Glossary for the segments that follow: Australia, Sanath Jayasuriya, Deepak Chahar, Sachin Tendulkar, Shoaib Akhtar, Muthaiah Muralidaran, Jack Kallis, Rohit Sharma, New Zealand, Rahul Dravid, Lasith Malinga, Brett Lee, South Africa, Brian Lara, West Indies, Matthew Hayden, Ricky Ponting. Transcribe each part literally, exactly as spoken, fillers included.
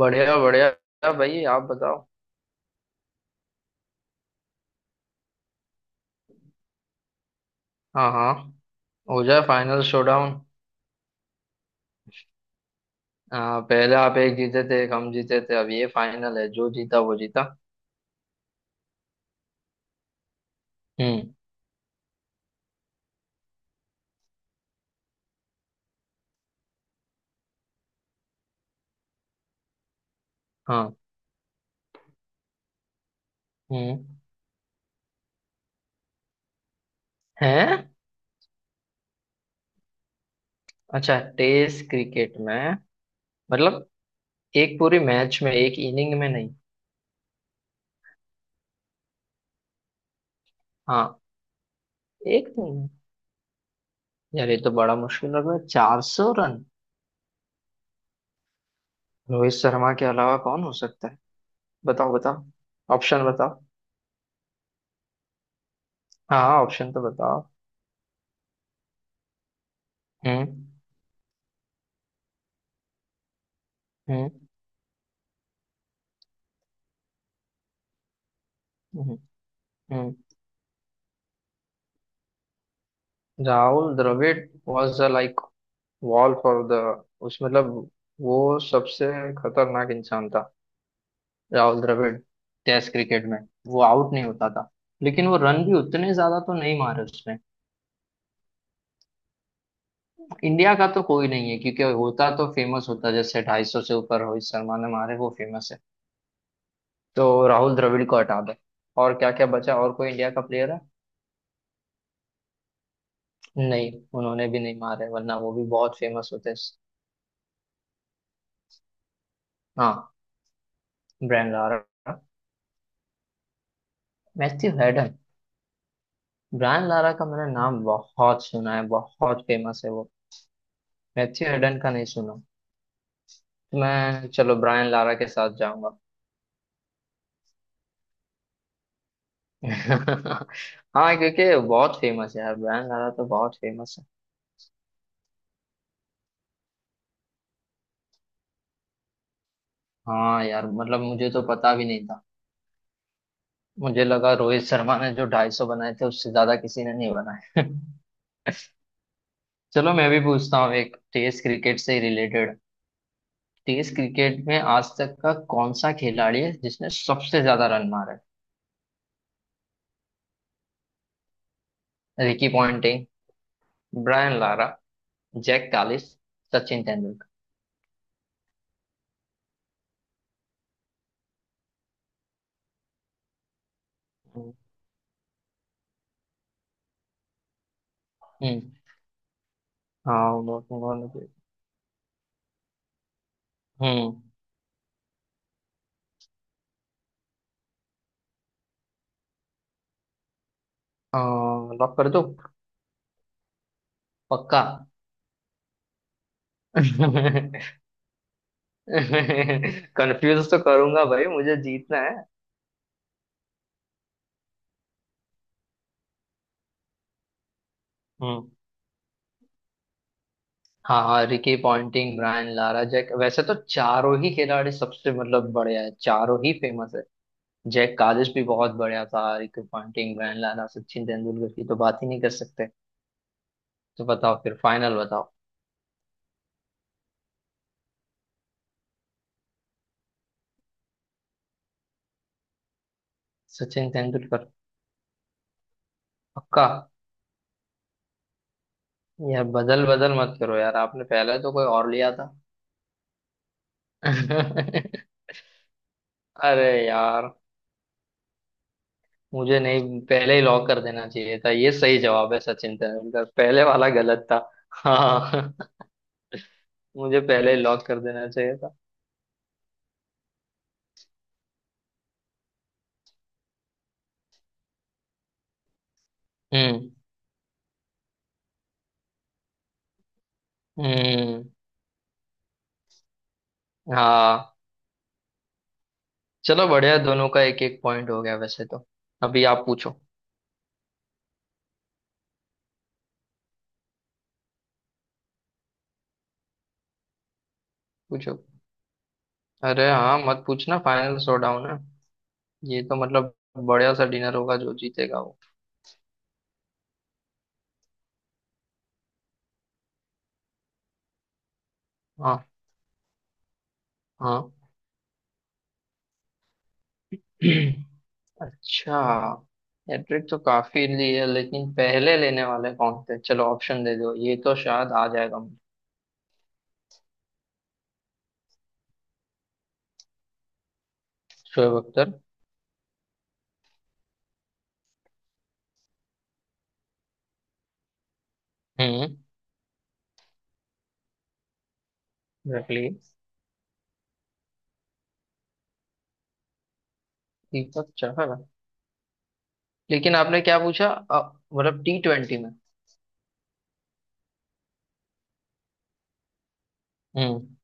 बढ़िया बढ़िया भाई, आप बताओ। हाँ हाँ। हो जाए फाइनल शोडाउन। आ, पहले आप एक जीते थे, एक हम जीते थे। अब ये फाइनल है, जो जीता वो जीता। हम्म। हाँ। हम्म। हैं? अच्छा, टेस्ट क्रिकेट में। मतलब एक पूरी मैच में, एक इनिंग में नहीं? हाँ। एक नहीं। यार, ये तो बड़ा मुश्किल लग रहा है। चार सौ रन। रोहित शर्मा के अलावा कौन हो सकता है? बताओ बताओ। ऑप्शन बताओ। हाँ, ऑप्शन तो बताओ। हम्म। हम्म। हम्म। Rahul Dravid was the like wall for the, उस मतलब, वो सबसे खतरनाक इंसान था। राहुल द्रविड़ टेस्ट क्रिकेट में, वो आउट नहीं होता था। लेकिन वो रन भी उतने ज्यादा तो नहीं मारे उसने। इंडिया का तो कोई नहीं है, क्योंकि होता तो फेमस होता। जैसे ढाई सौ से ऊपर रोहित शर्मा ने मारे, वो फेमस है। तो राहुल द्रविड़ को हटा दे। और क्या क्या बचा, और कोई इंडिया का प्लेयर है? नहीं। उन्होंने भी नहीं मारे, वरना वो भी बहुत फेमस होते। हाँ। Brian Lara. Matthew Hayden. Brian Lara का मैंने नाम बहुत सुना है, बहुत फेमस है वो। मैथ्यू हेडन का नहीं सुना। तो मैं, चलो, ब्रायन लारा के साथ जाऊंगा। हाँ, क्योंकि बहुत फेमस है यार, ब्रायन लारा तो बहुत फेमस है। हाँ यार, मतलब मुझे तो पता भी नहीं था। मुझे लगा रोहित शर्मा ने जो ढाई सौ बनाए थे, उससे ज्यादा किसी ने नहीं बनाए। चलो, मैं भी पूछता हूँ एक टेस्ट क्रिकेट से रिलेटेड। टेस्ट क्रिकेट में आज तक का कौन सा खिलाड़ी है जिसने सबसे ज्यादा रन मारे? Ricky Ponting, Brian Lara, Jack Kallis, Sachin Tendulkar. हम्म। हाँ बहुत मोहन के। हम्म। लॉक कर दो। पक्का। कंफ्यूज तो करूंगा भाई, मुझे जीतना है। हम्म। हाँ हाँ, Ricky Ponting, Brian Lara, Jack, वैसे तो चारों ही खिलाड़ी सबसे, मतलब, बढ़िया है, चारों ही फेमस है। जैक कालिस भी बहुत बढ़िया था। Ricky Ponting, Brian Lara, Sachin Tendulkar की तो बात ही नहीं कर सकते। तो बताओ फिर, फाइनल बताओ। सचिन तेंदुलकर। पक्का। यार, बदल बदल मत करो यार, आपने पहले तो कोई और लिया था। अरे यार। मुझे, नहीं, पहले ही लॉक कर देना चाहिए था। ये सही जवाब है, सचिन तेंदुलकर, पहले वाला गलत था। हाँ। मुझे पहले ही लॉक कर देना चाहिए था। हम्म। हम्म। हाँ। चलो बढ़िया, दोनों का एक एक पॉइंट हो गया वैसे तो। अभी आप पूछो। पूछो। अरे, हाँ मत पूछना, फाइनल शोडाउन है। ये तो मतलब, बढ़िया सा डिनर होगा, जो जीतेगा वो। हाँ। हाँ। अच्छा। हैट्रिक तो काफी ली है, लेकिन पहले लेने वाले कौन थे? चलो ऑप्शन दे दो, ये तो शायद आ जाएगा मुझे। शोएब अख्तर। हम्म। रख लिए। दीपक चाहर। लेकिन आपने क्या पूछा, अ, मतलब टी ट्वेंटी में? हम्म।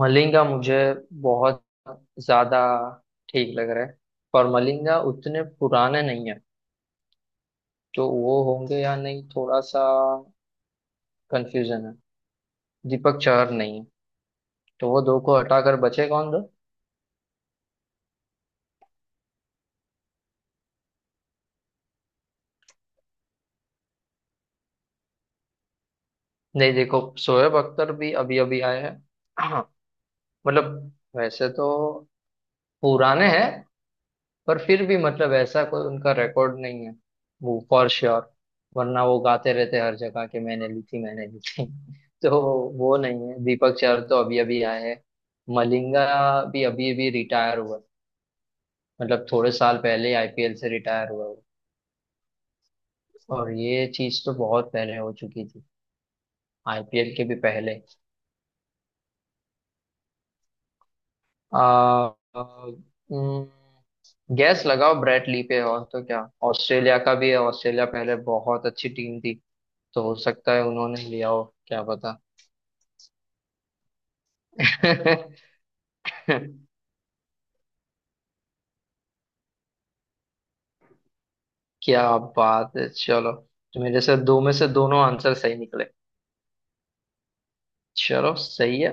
मलिंगा मुझे बहुत ज्यादा ठीक लग रहा है। पर मलिंगा उतने पुराने नहीं है। तो वो होंगे या नहीं, थोड़ा सा कंफ्यूजन है। दीपक चहर नहीं है। तो वो दो को हटाकर बचे कौन दो? नहीं, देखो शोएब अख्तर भी अभी अभी आए हैं। हाँ, मतलब, वैसे तो पुराने हैं। पर फिर भी मतलब ऐसा कोई उनका रिकॉर्ड नहीं है। वो फॉर श्योर। वरना वो गाते रहते हर जगह कि मैंने ली थी, मैंने ली थी। तो वो नहीं है, दीपक चार तो अभी अभी आए हैं। मलिंगा भी अभी अभी रिटायर हुआ। मतलब थोड़े साल पहले आई पी एल से रिटायर हुआ वो। और ये चीज तो बहुत पहले हो चुकी थी, आई पी एल के भी पहले। आ, गैस लगाओ ब्रेट ली पे, और तो क्या। ऑस्ट्रेलिया का भी है, ऑस्ट्रेलिया पहले बहुत अच्छी टीम थी। तो हो सकता है उन्होंने लिया हो, क्या पता। क्या बात है, चलो। तो मेरे से दो में से दोनों आंसर सही निकले। चलो सही है।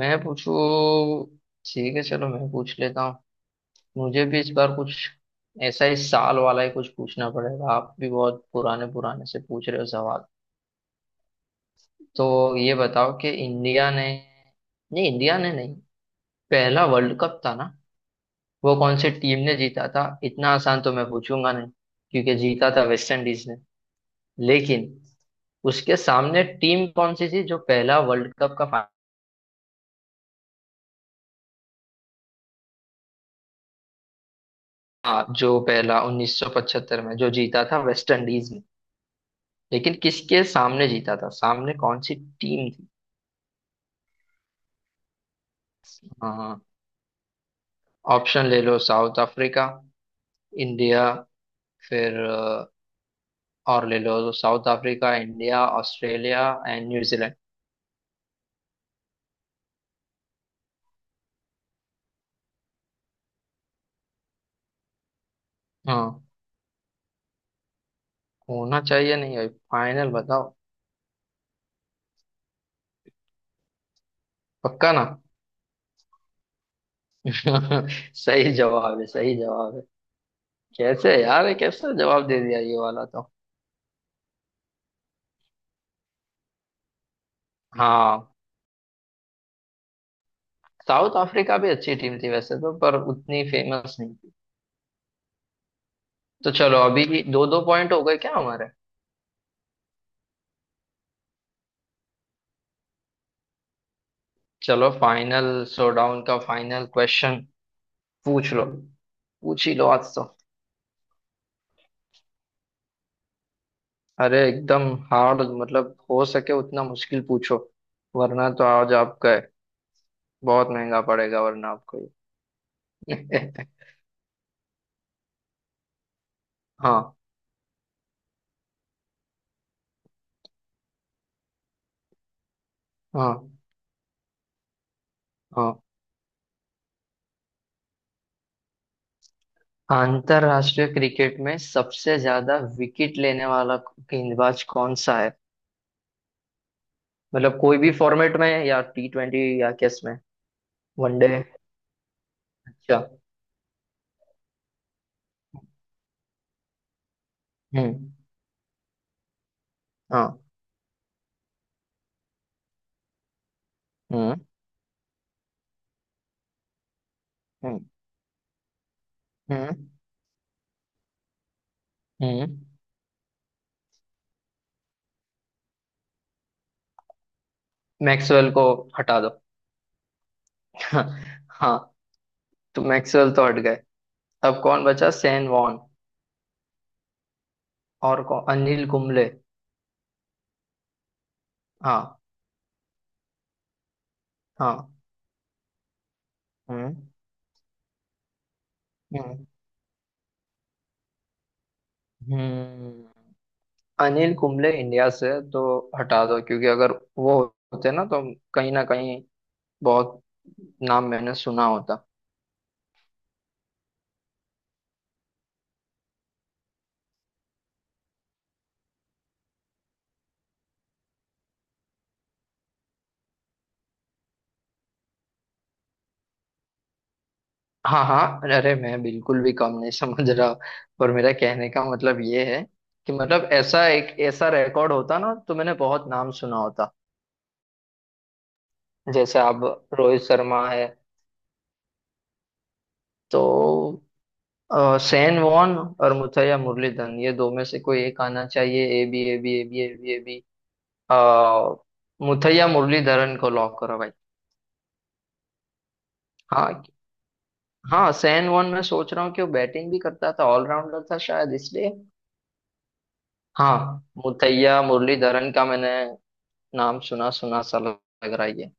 मैं पूछू? ठीक है, चलो मैं पूछ लेता हूँ। मुझे भी इस बार कुछ ऐसा ही साल वाला ही कुछ पूछना पड़ेगा, आप भी बहुत पुराने पुराने से पूछ रहे हो सवाल। तो ये बताओ कि इंडिया ने, नहीं, इंडिया ने नहीं, पहला वर्ल्ड कप था ना, वो कौन सी टीम ने जीता था? इतना आसान तो मैं पूछूंगा नहीं, क्योंकि जीता था वेस्ट इंडीज ने। लेकिन उसके सामने टीम कौन सी थी, जो पहला वर्ल्ड कप का फाइनल? हाँ, जो पहला उन्नीस सौ पचहत्तर में जो जीता था वेस्ट इंडीज ने, लेकिन किसके सामने जीता था, सामने कौन सी टीम थी? हाँ। ऑप्शन ले लो, साउथ अफ्रीका, इंडिया, फिर अ, और ले लो South Africa, India, Australia and New Zealand. हाँ, होना चाहिए नहीं भाई, फाइनल बताओ। पक्का ना? सही जवाब है, सही जवाब है। कैसे यार, ये कैसे जवाब दे दिया ये वाला तो। हाँ। साउथ अफ्रीका भी अच्छी टीम थी वैसे तो, पर उतनी फेमस नहीं थी। तो चलो अभी दो दो पॉइंट हो गए क्या हमारे? चलो फाइनल शोडाउन का फाइनल क्वेश्चन। पूछ लो, पूछ ही लो आज तो। अरे एकदम हार्ड, मतलब हो सके उतना मुश्किल पूछो। वरना तो आज आपका है, बहुत महंगा पड़ेगा वरना आपको ये। हाँ। हाँ। हाँ। अंतरराष्ट्रीय क्रिकेट में सबसे ज्यादा विकेट लेने वाला गेंदबाज कौन सा है? मतलब कोई भी फॉर्मेट में, या टी ट्वेंटी, या किस में? वनडे? अच्छा। हम्म। हाँ। हम्म। हम्म। हम्म। हम्म। मैक्सवेल को हटा दो। हाँ। तो मैक्सवेल तो हट गए। अब कौन बचा, सेन वॉन? और कौन, अनिल कुंबले। हाँ। हाँ। हम्म। हम्म। हम्म। अनिल कुंबले, इंडिया से तो हटा दो, क्योंकि अगर वो होते ना, तो कहीं ना कहीं बहुत नाम मैंने सुना होता। हाँ हाँ, अरे मैं बिल्कुल भी कम नहीं समझ रहा। और मेरा कहने का मतलब ये है कि मतलब ऐसा, एक ऐसा रिकॉर्ड होता ना, तो मैंने बहुत नाम सुना होता। जैसे अब रोहित शर्मा है। तो अ, सैन वॉन और मुथैया मुरलीधरन, ये दो में से कोई एक आना चाहिए। A B A B A B A B A B. अ, मुथैया मुरलीधरन को लॉक करो भाई। हाँ। हाँ सैन वॉन, मैं सोच रहा हूँ कि वो बैटिंग भी करता था, ऑलराउंडर था शायद इसलिए। हाँ। मुथैया मुरलीधरन का मैंने नाम सुना सुना सा लग रहा है ये।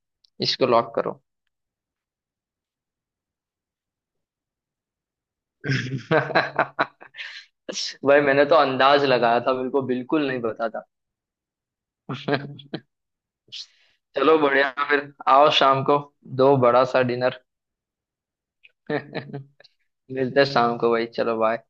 इसको लॉक करो। भाई मैंने तो अंदाज लगाया था, बिल्कुल बिल्कुल नहीं पता था। चलो बढ़िया, फिर आओ शाम को। दो बड़ा सा डिनर। मिलते हैं शाम को भाई, चलो बाय।